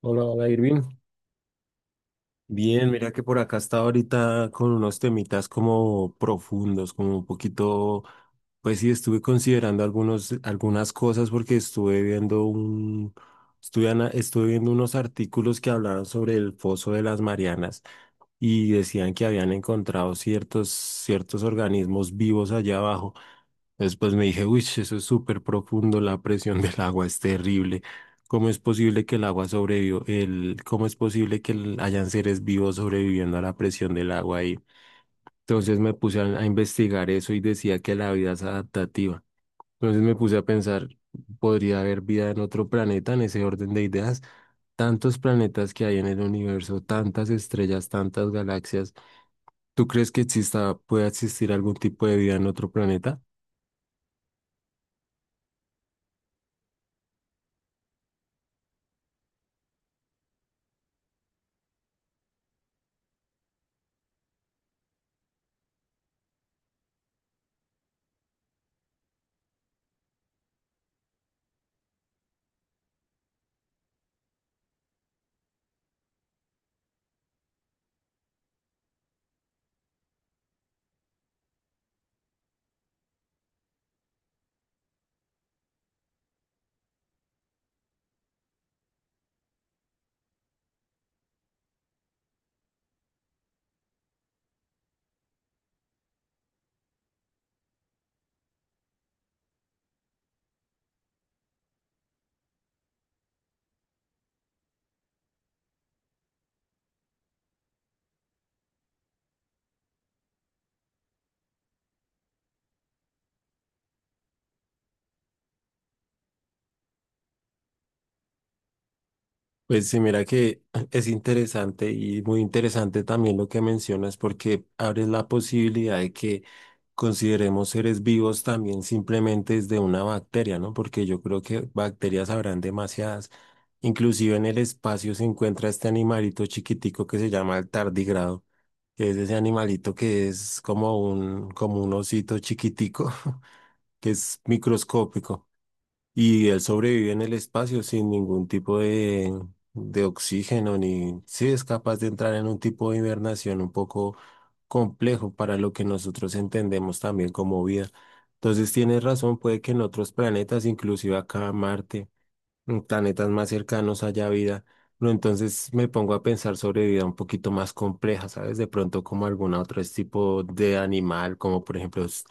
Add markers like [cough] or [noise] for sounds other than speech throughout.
Hola, hola Irving. Bien, mira que por acá estaba ahorita con unos temitas como profundos, como un poquito, pues sí, estuve considerando algunas cosas porque estuve viendo un, estuve, ana- estuve viendo unos artículos que hablaban sobre el foso de las Marianas y decían que habían encontrado ciertos organismos vivos allá abajo. Después me dije, uy, eso es súper profundo, la presión del agua es terrible. ¿Cómo es posible que el agua sobrevivió? ¿Cómo es posible que hayan seres vivos sobreviviendo a la presión del agua ahí? Entonces me puse a investigar eso y decía que la vida es adaptativa. Entonces me puse a pensar, ¿podría haber vida en otro planeta en ese orden de ideas? Tantos planetas que hay en el universo, tantas estrellas, tantas galaxias. ¿Tú crees que exista, pueda existir algún tipo de vida en otro planeta? Pues sí, mira que [laughs] es interesante y muy interesante también lo que mencionas porque abres la posibilidad de que consideremos seres vivos también simplemente desde una bacteria, ¿no? Porque yo creo que bacterias habrán demasiadas. Inclusive en el espacio se encuentra este animalito chiquitico que se llama el tardígrado, que es ese animalito que es como un osito chiquitico, [laughs] que es microscópico. Y él sobrevive en el espacio sin ningún tipo de oxígeno, ni si es capaz de entrar en un tipo de hibernación un poco complejo para lo que nosotros entendemos también como vida. Entonces tienes razón, puede que en otros planetas, inclusive acá Marte en planetas más cercanos haya vida. Pero entonces me pongo a pensar sobre vida un poquito más compleja, ¿sabes? De pronto como algún otro tipo de animal, como por ejemplo,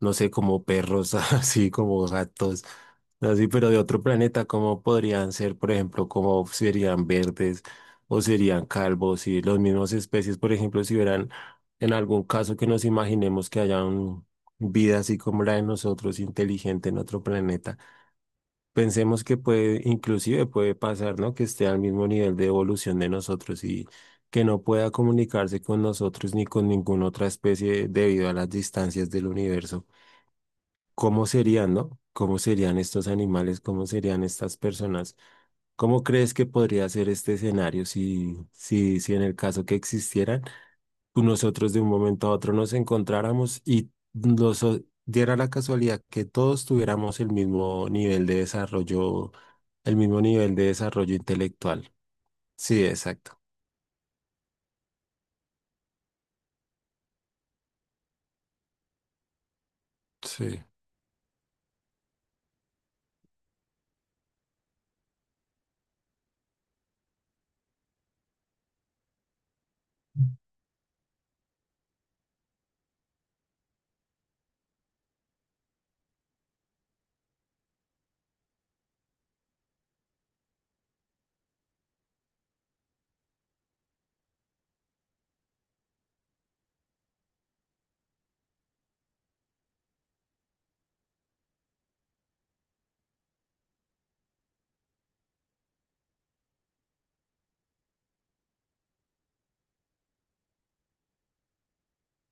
no sé, como perros, [laughs] así como gatos, así, pero de otro planeta, ¿cómo podrían ser, por ejemplo, cómo serían verdes o serían calvos y los mismos especies, por ejemplo, si hubieran en algún caso que nos imaginemos que haya un vida así como la de nosotros, inteligente en otro planeta? Pensemos que puede, inclusive puede pasar, ¿no? Que esté al mismo nivel de evolución de nosotros y que no pueda comunicarse con nosotros ni con ninguna otra especie debido a las distancias del universo. ¿Cómo serían, no? ¿Cómo serían estos animales? ¿Cómo serían estas personas? ¿Cómo crees que podría ser este escenario si en el caso que existieran? Nosotros de un momento a otro nos encontráramos y diera la casualidad que todos tuviéramos el mismo nivel de desarrollo, el mismo nivel de desarrollo intelectual. Sí, exacto. Sí.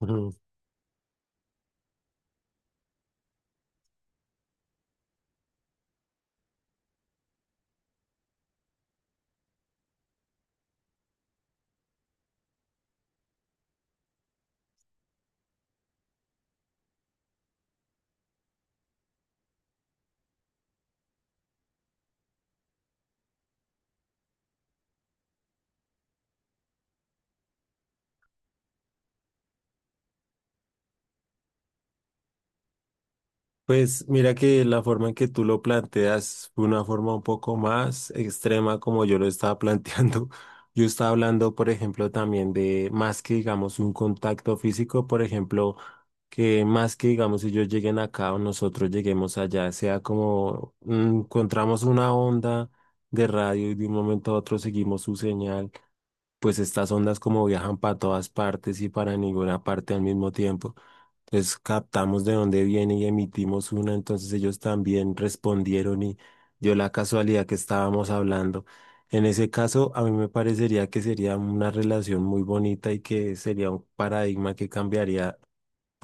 Ujú. Pues mira que la forma en que tú lo planteas fue una forma un poco más extrema como yo lo estaba planteando. [laughs] Yo estaba hablando, por ejemplo, también de más que digamos un contacto físico, por ejemplo, que más que digamos si ellos lleguen acá o nosotros lleguemos allá, sea como encontramos una onda de radio y de un momento a otro seguimos su señal, pues estas ondas como viajan para todas partes y para ninguna parte al mismo tiempo. Entonces captamos de dónde viene y emitimos una, entonces ellos también respondieron y dio la casualidad que estábamos hablando. En ese caso, a mí me parecería que sería una relación muy bonita y que sería un paradigma que cambiaría,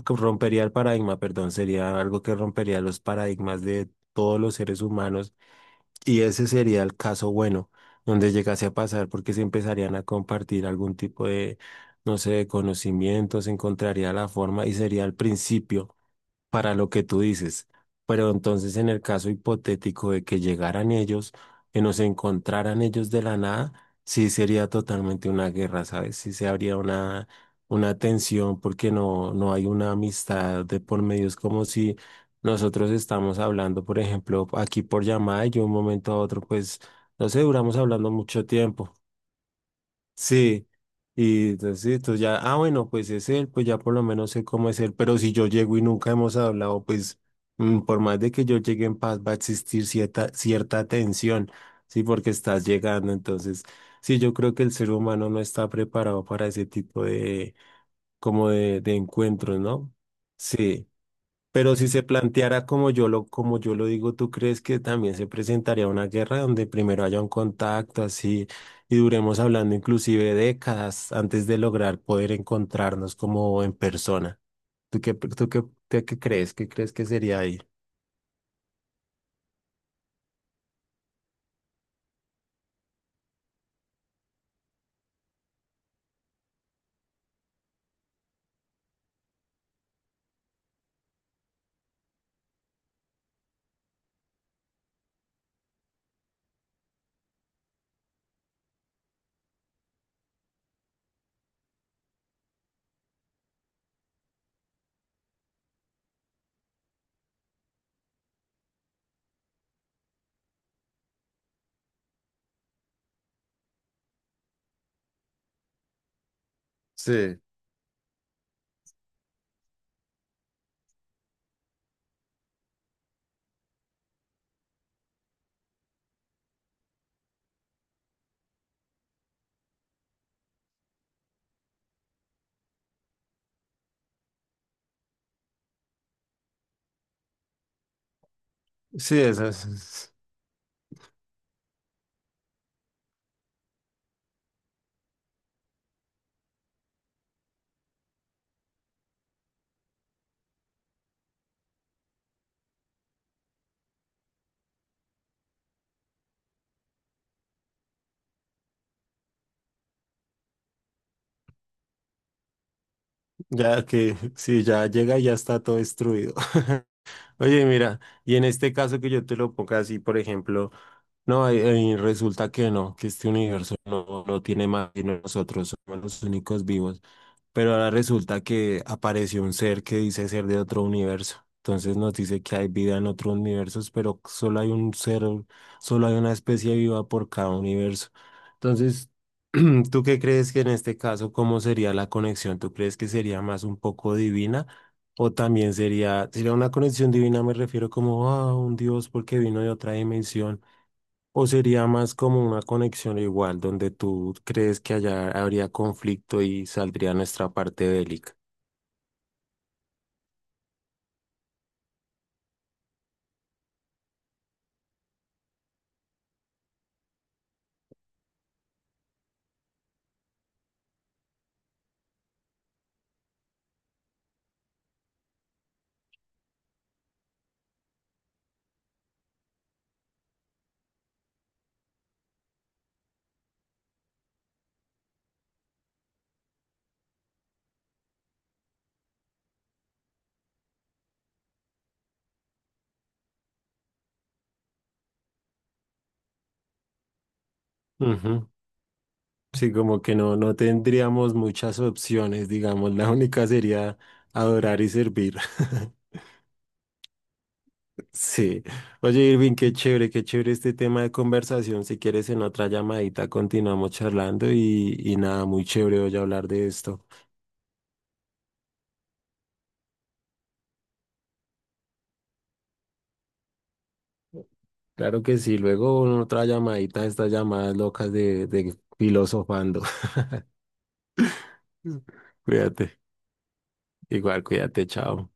que rompería el paradigma, perdón, sería algo que rompería los paradigmas de todos los seres humanos y ese sería el caso bueno, donde llegase a pasar porque se empezarían a compartir algún tipo de, no sé, de conocimientos, se encontraría la forma y sería el principio para lo que tú dices. Pero entonces, en el caso hipotético de que llegaran ellos, que nos encontraran ellos de la nada, sí sería totalmente una guerra, ¿sabes? Sí se habría una tensión porque no, no hay una amistad de por medio. Es como si nosotros estamos hablando, por ejemplo, aquí por llamada y yo de un momento a otro, pues, no sé, duramos hablando mucho tiempo. Sí, y entonces esto ya, ah, bueno, pues es él, pues ya por lo menos sé cómo es él, pero si yo llego y nunca hemos hablado, pues por más de que yo llegue en paz, va a existir cierta tensión, sí, porque estás llegando, entonces, sí, yo creo que el ser humano no está preparado para ese tipo de, como de encuentros, ¿no? Sí. Pero si se planteara como yo lo digo, ¿tú crees que también se presentaría una guerra donde primero haya un contacto así y duremos hablando inclusive décadas antes de lograr poder encontrarnos como en persona? ¿Tú qué, tú qué, qué crees? ¿Qué crees que sería ahí? Sí. Sí. Ya que sí, ya llega y ya está todo destruido. [laughs] Oye, mira, y en este caso que yo te lo ponga así, por ejemplo. No, y resulta que no, que este universo no, no tiene más y nosotros somos los únicos vivos. Pero ahora resulta que apareció un ser que dice ser de otro universo. Entonces nos dice que hay vida en otros universos, pero solo hay un ser, solo hay una especie viva por cada universo. Entonces, [clears throat] ¿tú qué crees que en este caso, cómo sería la conexión? ¿Tú crees que sería más un poco divina? O también sería una conexión divina, me refiero como a un Dios porque vino de otra dimensión. ¿O sería más como una conexión igual, donde tú crees que allá habría conflicto y saldría nuestra parte bélica? Ujú. Sí, como que no, no tendríamos muchas opciones, digamos, la única sería adorar y servir. [laughs] Sí. Oye, Irving, qué chévere este tema de conversación. Si quieres, en otra llamadita continuamos charlando y nada, muy chévere hoy hablar de esto. Claro que sí, luego en otra llamadita, estas llamadas locas de filosofando. [laughs] [laughs] Cuídate, igual, cuídate, chao.